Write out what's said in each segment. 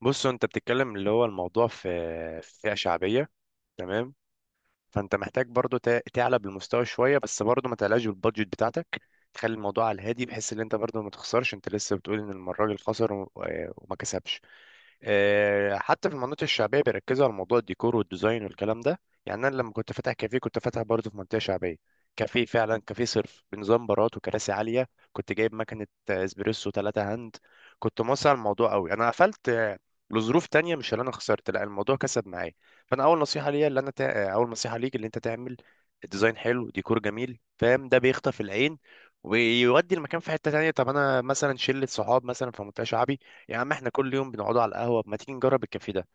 بص، انت بتتكلم اللي هو الموضوع في فئة شعبية. تمام. فانت محتاج برضو تعلى بالمستوى شوية، بس برضو ما تعلاش بالبادجت بتاعتك. تخلي الموضوع على الهادي، بحيث ان انت برضو ما تخسرش. انت لسه بتقول ان الراجل خسر وما كسبش. حتى في المناطق الشعبيه بيركزوا على موضوع الديكور والديزاين والكلام ده. يعني انا لما كنت فاتح كافيه، كنت فاتح برضه في منطقه شعبيه. كافيه، فعلا كافيه صرف، بنظام بارات وكراسي عاليه. كنت جايب مكنه اسبريسو ثلاثة هاند. كنت موسع الموضوع قوي. انا قفلت لظروف تانية، مش اللي انا خسرت، لا، الموضوع كسب معايا. فانا اول نصيحه ليا اللي انا تع... اول نصيحه ليك اللي انت تعمل ديزاين حلو، ديكور جميل، فاهم؟ ده بيخطف العين ويودي المكان في حته تانية. طب انا مثلا شله صحاب مثلا في منطقه شعبي، يا عم احنا كل يوم بنقعدوا على القهوة، ما تيجي نجرب الكافيه ده.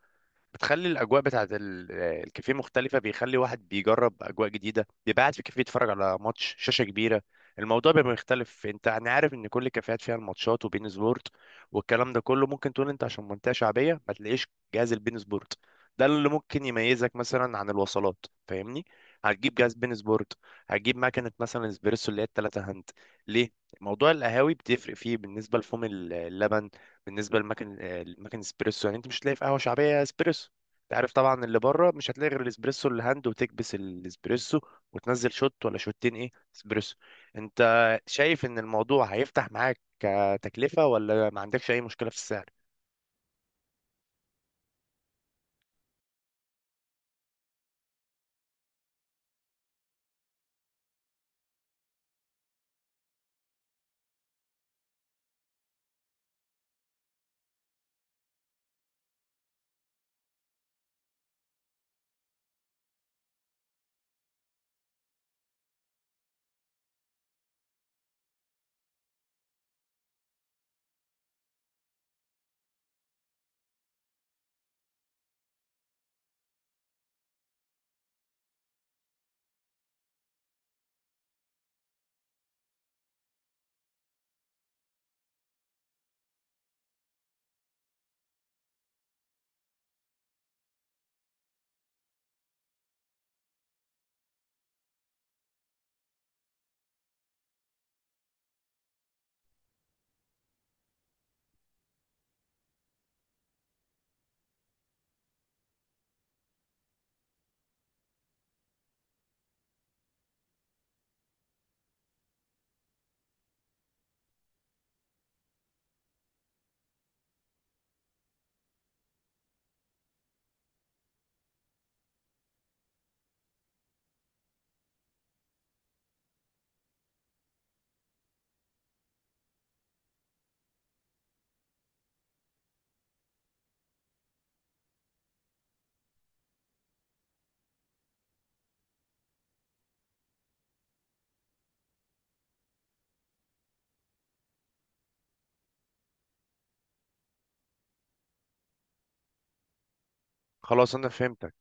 بتخلي الأجواء بتاعة الكافيه مختلفة، بيخلي واحد بيجرب أجواء جديدة، بيبقى قاعد في كافيه يتفرج على ماتش شاشة كبيرة. الموضوع بيبقى مختلف. انت انا عارف ان كل الكافيهات فيها الماتشات وبين سبورت والكلام ده كله. ممكن تقول انت عشان منطقة شعبية ما تلاقيش جهاز البين سبورت. ده اللي ممكن يميزك مثلا عن الوصلات. فاهمني؟ هتجيب جهاز بين سبورت، هتجيب مكنة مثلا اسبريسو اللي هي التلاتة هند. ليه؟ موضوع القهاوي بتفرق فيه بالنسبة لفوم اللبن. بالنسبه لمكن، المكن اسبريسو، يعني انت مش هتلاقي في قهوه شعبيه اسبريسو. انت عارف طبعا اللي بره مش هتلاقي غير الاسبريسو اللي هاند، وتكبس الاسبريسو وتنزل شوت ولا شوتين، ايه اسبريسو. انت شايف ان الموضوع هيفتح معاك كتكلفه، ولا ما عندكش اي مشكله في السعر؟ خلاص انا فهمتك.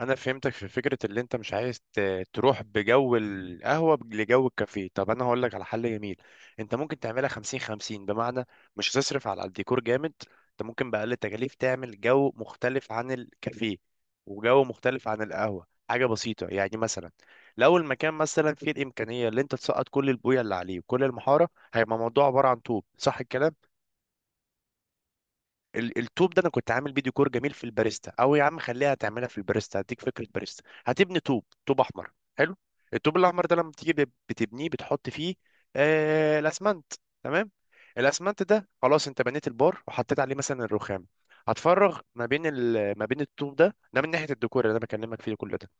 انا فهمتك في فكره اللي انت مش عايز تروح بجو القهوه لجو الكافيه. طب انا هقول لك على حل جميل. انت ممكن تعملها 50 50، بمعنى مش هتصرف على الديكور جامد. انت ممكن باقل التكاليف تعمل جو مختلف عن الكافيه وجو مختلف عن القهوه. حاجه بسيطه يعني، مثلا لو المكان مثلا فيه الامكانيه اللي انت تسقط كل البويه اللي عليه وكل المحاره، هيبقى الموضوع عباره عن طوب. صح الكلام. التوب ده، انا كنت عامل فيديو كور جميل في الباريستا، او يا عم خليها تعملها في الباريستا، هديك فكره. باريستا هتبني توب، توب احمر. حلو. التوب الاحمر ده لما تيجي بتبنيه بتحط فيه آه، الاسمنت. تمام. الاسمنت ده، خلاص انت بنيت البار وحطيت عليه مثلا الرخام. هتفرغ ما بين الطوب ده، من ناحيه الديكور اللي انا بكلمك فيه، كل ده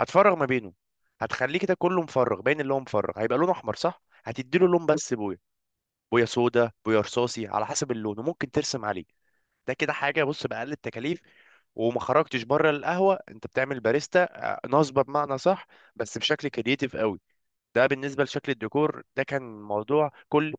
هتفرغ ما بينه. هتخليه كده كله مفرغ، باين اللي هو مفرغ، هيبقى لونه احمر صح. هتديله لون، بس بويا، بويا سودا، بويا رصاصي، على حسب اللون، وممكن ترسم عليه. ده كده حاجه، بص، باقل التكاليف وما خرجتش بره القهوه. انت بتعمل باريستا نصبه، بمعنى صح، بس بشكل كرييتيف قوي. ده بالنسبه لشكل الديكور، ده كان موضوع كل.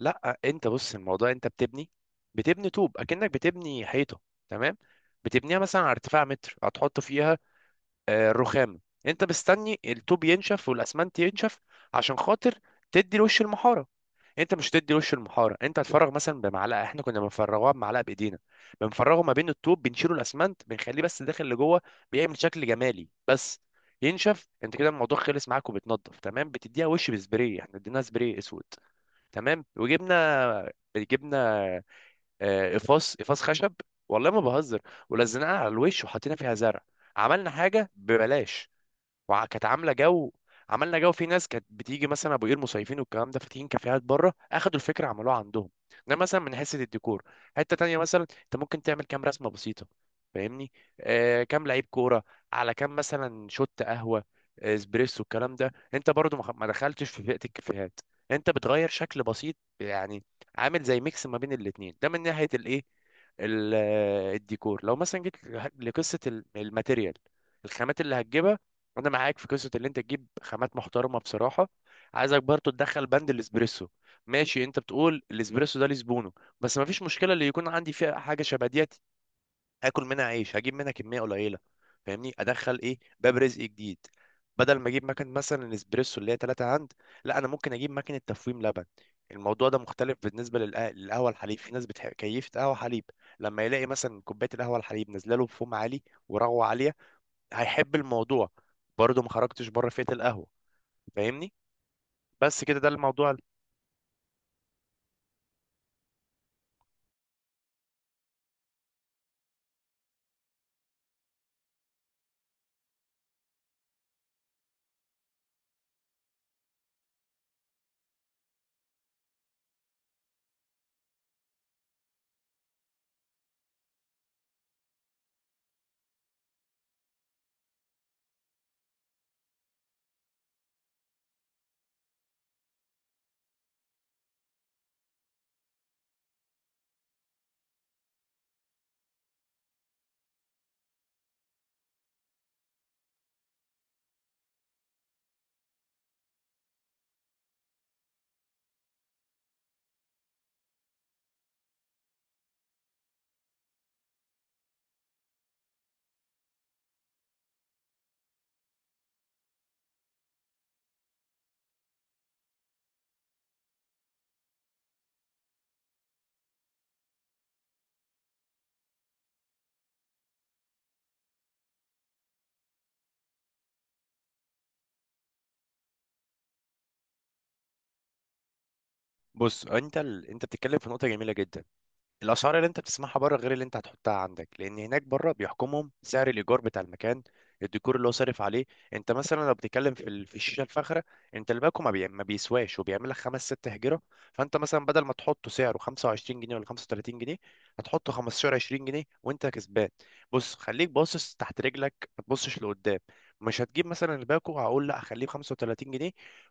لا، انت بص، الموضوع انت بتبني طوب، اكنك بتبني حيطه. تمام. بتبنيها مثلا على ارتفاع متر، هتحط فيها الرخام. انت مستني الطوب ينشف والاسمنت ينشف عشان خاطر تدي الوش المحاره. انت مش تدي وش المحاره، انت هتفرغ مثلا بمعلقه. احنا كنا بنفرغوها بمعلقه بايدينا، بنفرغه ما بين الطوب، بنشيله الاسمنت، بنخليه بس داخل لجوه. بيعمل شكل جمالي بس. ينشف، انت كده الموضوع خلص معاك وبتنضف. تمام، بتديها وش بسبراي. احنا اديناها سبراي اسود. تمام، وجبنا جبنا قفاص خشب. والله ما بهزر. ولزقناها على الوش وحطينا فيها زرع. عملنا حاجه ببلاش، وكانت عامله جو. عملنا جو. في ناس كانت بتيجي مثلا ابو قير مصيفين والكلام ده، فاتحين كافيهات بره، اخدوا الفكره عملوها عندهم. ده مثلا من حيث الديكور. حته تانية مثلا، انت ممكن تعمل كام رسمه بسيطه، فاهمني؟ كام لعيب كوره على كام مثلا شوت قهوه اسبريسو، الكلام ده. انت برضو ما دخلتش في فئه الكافيهات، انت بتغير شكل بسيط يعني، عامل زي ميكس ما بين الاتنين. ده من ناحيه الايه، ال- الديكور. لو مثلا جيت لقصه الماتيريال، الخامات اللي هتجيبها، انا معاك في قصه اللي انت تجيب خامات محترمه بصراحه. عايزك برضو تدخل بند الاسبريسو. ماشي، انت بتقول الاسبريسو ده لزبونه، بس مفيش مشكله. اللي يكون عندي فيها حاجه شبه ديت، هاكل منها عيش، هجيب منها كميه قليله، فاهمني؟ ادخل ايه، باب رزق جديد. بدل ما اجيب مكنه مثلا الاسبريسو اللي هي 3 عند، لا، انا ممكن اجيب مكنه تفويم لبن. الموضوع ده مختلف بالنسبه للقهوه الحليب. في ناس بتحب كيفة قهوه حليب، لما يلاقي مثلا كوبايه القهوه الحليب نازله له بفوم عالي ورغوه عاليه، هيحب الموضوع. برضه ما خرجتش بره فئة القهوة، فاهمني؟ بس كده، ده الموضوع. بص، انت انت بتتكلم في نقطة جميلة جدا. الاسعار اللي انت بتسمعها بره غير اللي انت هتحطها عندك، لان هناك بره بيحكمهم سعر الايجار بتاع المكان، الديكور اللي هو صارف عليه. انت مثلا لو بتتكلم في الشيشه الفاخره، انت الباكو ما بيسواش، وبيعمل لك خمس ست هجره. فانت مثلا بدل ما تحطه سعره 25 جنيه ولا 35 جنيه، هتحطه 15 20 جنيه وانت كسبان. بص، خليك باصص تحت رجلك، ما تبصش لقدام. مش هتجيب مثلا الباكو، هقول لا هخليه ب 35 جنيه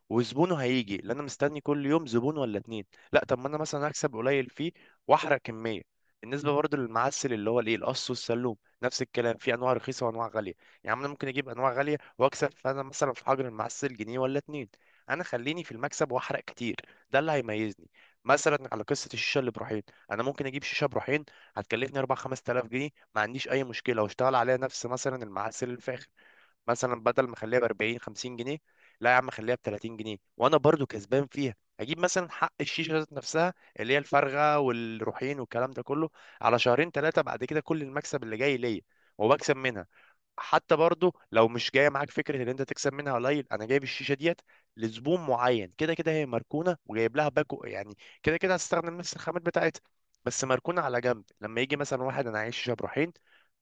وزبونه هيجي، لان انا مستني كل يوم زبون ولا اتنين. لا، طب ما انا مثلا هكسب قليل فيه واحرق كميه. بالنسبه برضه للمعسل، اللي هو الايه، القص والسلوم، نفس الكلام، في انواع رخيصه وانواع غاليه. يعني انا ممكن اجيب انواع غاليه واكسب. فانا مثلا في حجر المعسل جنيه ولا اتنين، انا خليني في المكسب واحرق كتير. ده اللي هيميزني. مثلا على قصه الشيشه اللي بروحين، انا ممكن اجيب شيشه بروحين هتكلفني 4 5000 جنيه، ما عنديش اي مشكله واشتغل عليها. نفس مثلا المعسل الفاخر، مثلا بدل ما اخليها ب 40 50 جنيه، لا يا عم خليها ب 30 جنيه وانا برضو كسبان فيها. اجيب مثلا حق الشيشه ذات نفسها، اللي هي الفارغه والروحين والكلام ده كله، على شهرين ثلاثه بعد كده كل المكسب اللي جاي ليا وبكسب منها. حتى برضو لو مش جايه معاك فكره ان انت تكسب منها قليل، انا جايب الشيشه ديت لزبون معين. كده كده هي مركونه وجايب لها باكو يعني، كده كده هستخدم نفس الخامات بتاعتها، بس مركونه على جنب. لما يجي مثلا واحد، انا عايز شيشه بروحين،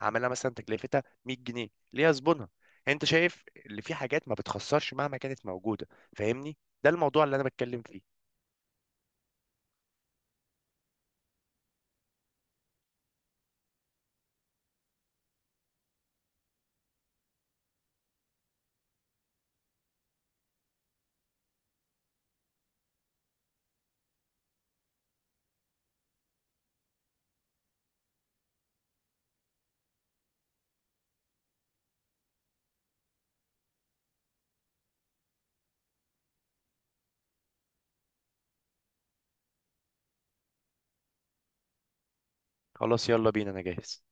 عاملها مثلا تكلفتها 100 جنيه، ليها زبونها. انت شايف؟ اللي في حاجات ما بتخسرش مهما كانت موجوده، فاهمني؟ ده الموضوع اللي انا بتكلم فيه. خلاص، يلا بينا، انا جاهز.